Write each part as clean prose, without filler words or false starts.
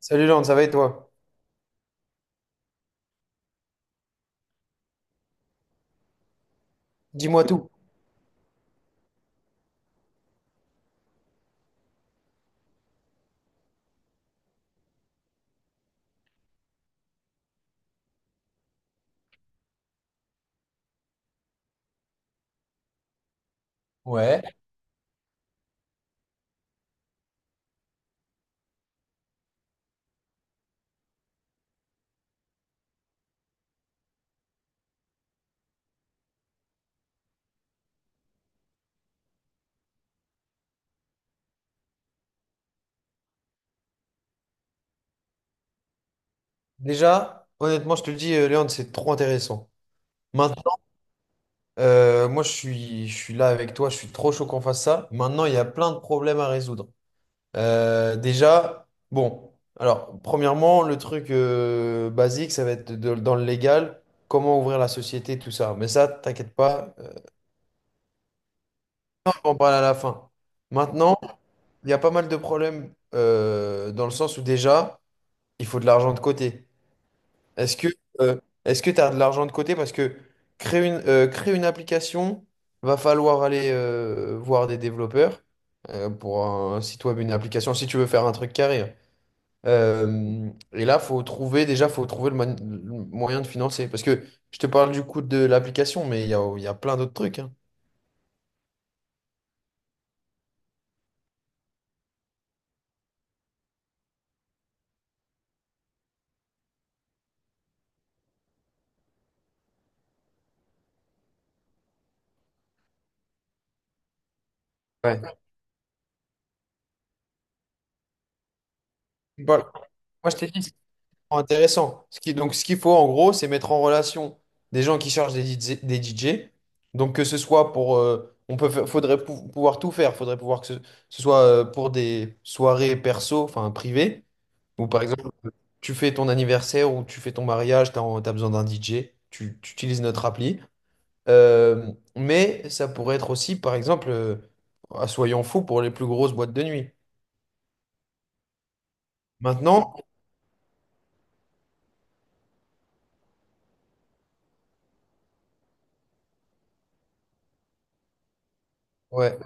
Salut Léon, ça va et toi? Dis-moi tout. Ouais, déjà, honnêtement, je te le dis, Léon, c'est trop intéressant. Maintenant, moi, je suis là avec toi, je suis trop chaud qu'on fasse ça. Maintenant, il y a plein de problèmes à résoudre. Déjà, bon, alors, premièrement, le truc basique, ça va être dans le légal, comment ouvrir la société, tout ça. Mais ça, t'inquiète pas, on en parle à la fin. Maintenant, il y a pas mal de problèmes dans le sens où déjà, il faut de l'argent de côté. Est-ce que est-ce que tu as de l'argent de côté? Parce que créer une application, va falloir aller voir des développeurs pour un site web, une application, si tu veux faire un truc carré. Et là, faut trouver, déjà, faut trouver le moyen de financer. Parce que je te parle du coût de l'application, mais il y a plein d'autres trucs, hein. Ouais. Voilà. Moi, je t'ai dit. Intéressant. Ce qu'il faut en gros, c'est mettre en relation des gens qui chargent des DJ. Donc, que ce soit pour, faudrait pouvoir tout faire. Faudrait pouvoir que ce soit pour des soirées perso, enfin privées, ou par exemple, tu fais ton anniversaire ou tu fais ton mariage, tu as besoin d'un DJ, tu utilises notre appli. Mais ça pourrait être aussi, par exemple, ah, soyons fous pour les plus grosses boîtes de nuit. Maintenant, ouais.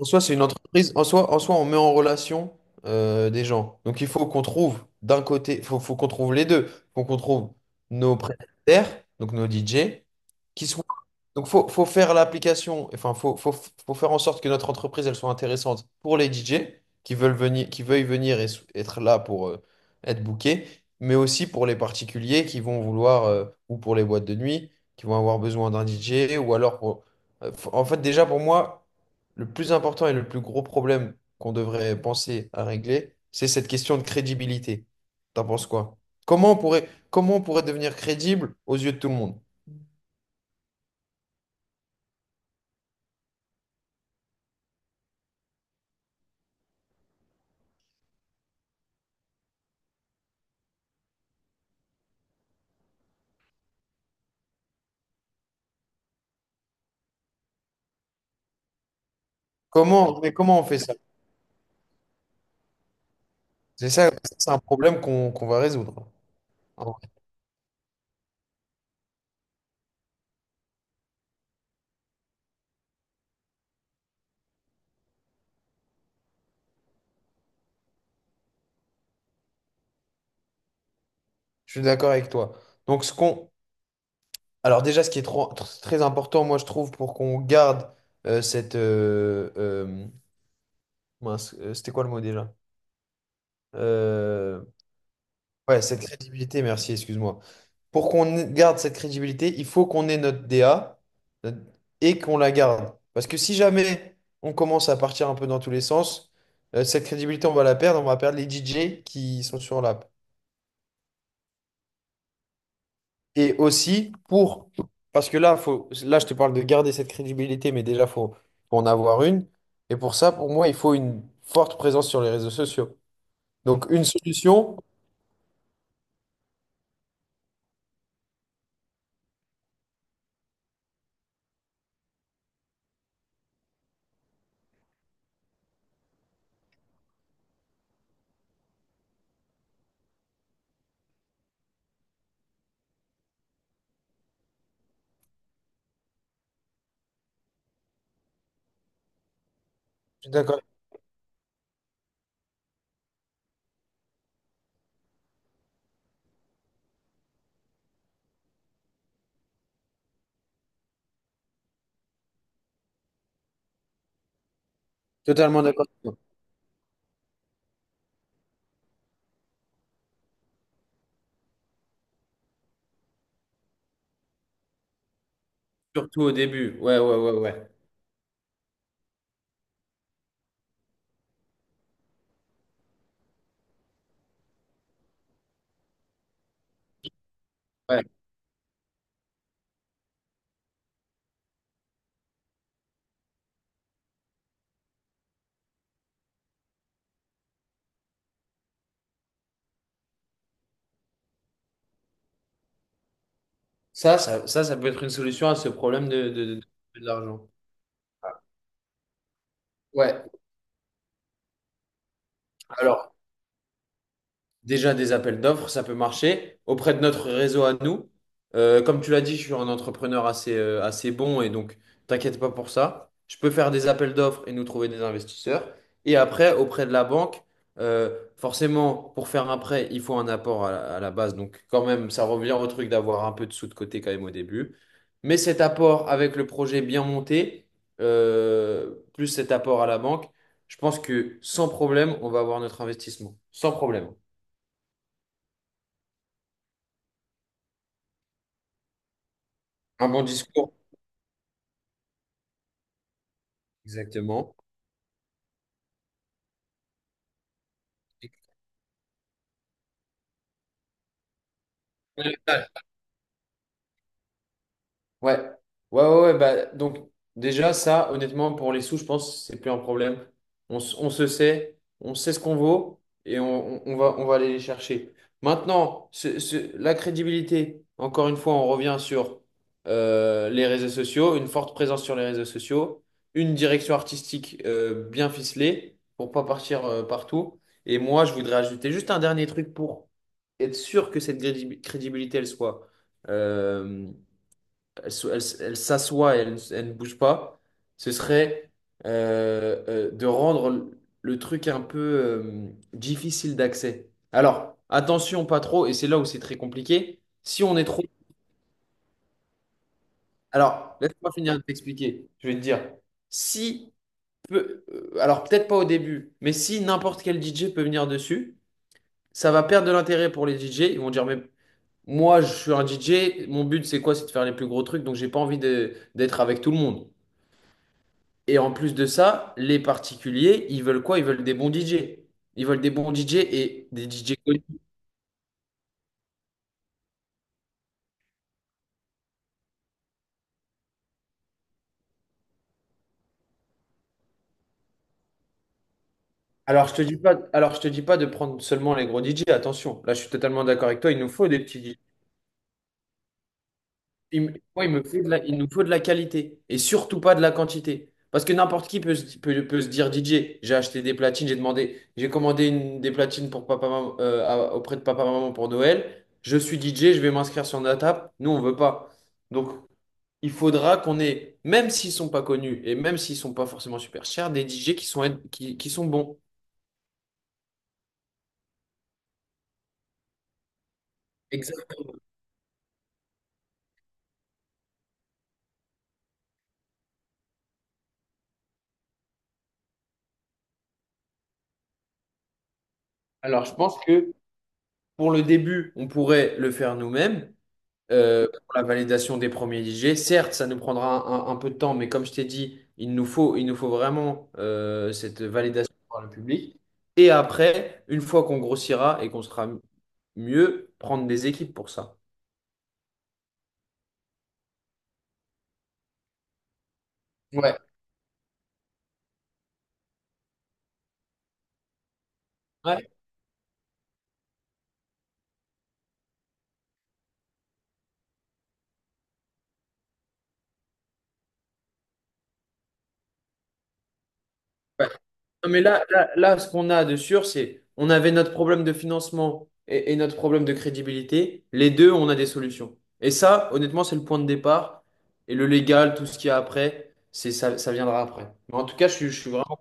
En soi, c'est une entreprise. En soi, on met en relation des gens. Donc, il faut qu'on trouve d'un côté, il faut qu'on trouve les deux. Faut qu'on trouve nos prestataires, donc nos DJ, qui soient donc, faut faire l'application, enfin, faut faire en sorte que notre entreprise, elle soit intéressante pour les DJ qui veulent venir, qui veuillent venir et être là pour être bookés, mais aussi pour les particuliers qui vont vouloir, ou pour les boîtes de nuit, qui vont avoir besoin d'un DJ, ou alors en fait, déjà, pour moi, le plus important et le plus gros problème qu'on devrait penser à régler, c'est cette question de crédibilité. T'en penses quoi? Comment on pourrait devenir crédible aux yeux de tout le monde? Mais comment on fait ça? C'est ça, c'est un problème qu'on va résoudre. En vrai. Je suis d'accord avec toi. Donc, ce qu'on... Alors déjà, ce qui est très important, moi, je trouve, pour qu'on garde cette... mince, c'était quoi le mot déjà? Euh, ouais, cette crédibilité, merci, excuse-moi. Pour qu'on garde cette crédibilité, il faut qu'on ait notre DA notre- et qu'on la garde. Parce que si jamais on commence à partir un peu dans tous les sens, cette crédibilité, on va la perdre, on va perdre les DJ qui sont sur la. Et aussi pour, parce que là, là, je te parle de garder cette crédibilité, mais déjà, faut en avoir une. Et pour ça, pour moi, il faut une forte présence sur les réseaux sociaux. Donc, une solution, je suis d'accord, totalement d'accord avec toi. Surtout au début. Ouais, ouais, ouais, ouais. Ouais. Ça peut être une solution à ce problème de l'argent. Ouais. Alors, déjà, des appels d'offres, ça peut marcher. Auprès de notre réseau à nous, comme tu l'as dit, je suis un entrepreneur assez bon et donc t'inquiète pas pour ça. Je peux faire des appels d'offres et nous trouver des investisseurs. Et après, auprès de la banque, forcément, pour faire un prêt, il faut un apport à la base. Donc, quand même, ça revient au truc d'avoir un peu de sous de côté quand même au début. Mais cet apport avec le projet bien monté, plus cet apport à la banque, je pense que sans problème, on va avoir notre investissement. Sans problème. Un bon discours, exactement. Ouais, ouais, ouais, ouais, bah, donc déjà ça, honnêtement, pour les sous, je pense que c'est plus un problème. On se sait, on sait ce qu'on vaut et on va aller les chercher. Maintenant, la crédibilité, encore une fois, on revient sur les réseaux sociaux, une forte présence sur les réseaux sociaux, une direction artistique bien ficelée pour pas partir partout. Et moi, je voudrais ajouter juste un dernier truc pour être sûr que cette crédibilité, euh, elle s'assoit et elle ne bouge pas, ce serait de rendre le truc un peu difficile d'accès. Alors, attention, pas trop, et c'est là où c'est très compliqué. Si on est trop... Alors, laisse-moi finir de t'expliquer. Je vais te dire, si... peu- alors, peut-être pas au début, mais si n'importe quel DJ peut venir dessus, ça va perdre de l'intérêt pour les DJ. Ils vont dire, mais moi, je suis un DJ. Mon but, c'est quoi? C'est de faire les plus gros trucs. Donc, j'ai pas envie d'être avec tout le monde. Et en plus de ça, les particuliers, ils veulent quoi? Ils veulent des bons DJ. Ils veulent des bons DJ et des DJ connus. Alors, je te dis pas, de prendre seulement les gros DJ. Attention. Là, je suis totalement d'accord avec toi. Il nous faut des petits. Il nous faut de la qualité et surtout pas de la quantité. Parce que n'importe qui peut se dire DJ, j'ai acheté des platines, j'ai commandé des platines pour papa, maman, auprès de papa maman pour Noël. Je suis DJ, je vais m'inscrire sur notre app. Nous, on veut pas. Donc, il faudra qu'on ait, même s'ils sont pas connus et même s'ils sont pas forcément super chers, des DJ qui sont bons. Exact. Alors, je pense que pour le début, on pourrait le faire nous-mêmes, pour la validation des premiers IG. Certes, ça nous prendra un peu de temps, mais comme je t'ai dit, il nous faut vraiment cette validation par le public. Et après, une fois qu'on grossira et qu'on sera mieux, prendre des équipes pour ça. Ouais. Ouais. Non, mais là, là, là, ce qu'on a de sûr, c'est on avait notre problème de financement et notre problème de crédibilité. Les deux, on a des solutions. Et ça, honnêtement, c'est le point de départ. Et le légal, tout ce qu'il y a après, c'est ça, ça viendra après. Mais en tout cas, je suis vraiment.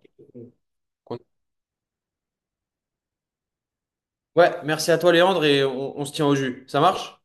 Ouais, merci à toi, Léandre, et on se tient au jus. Ça marche?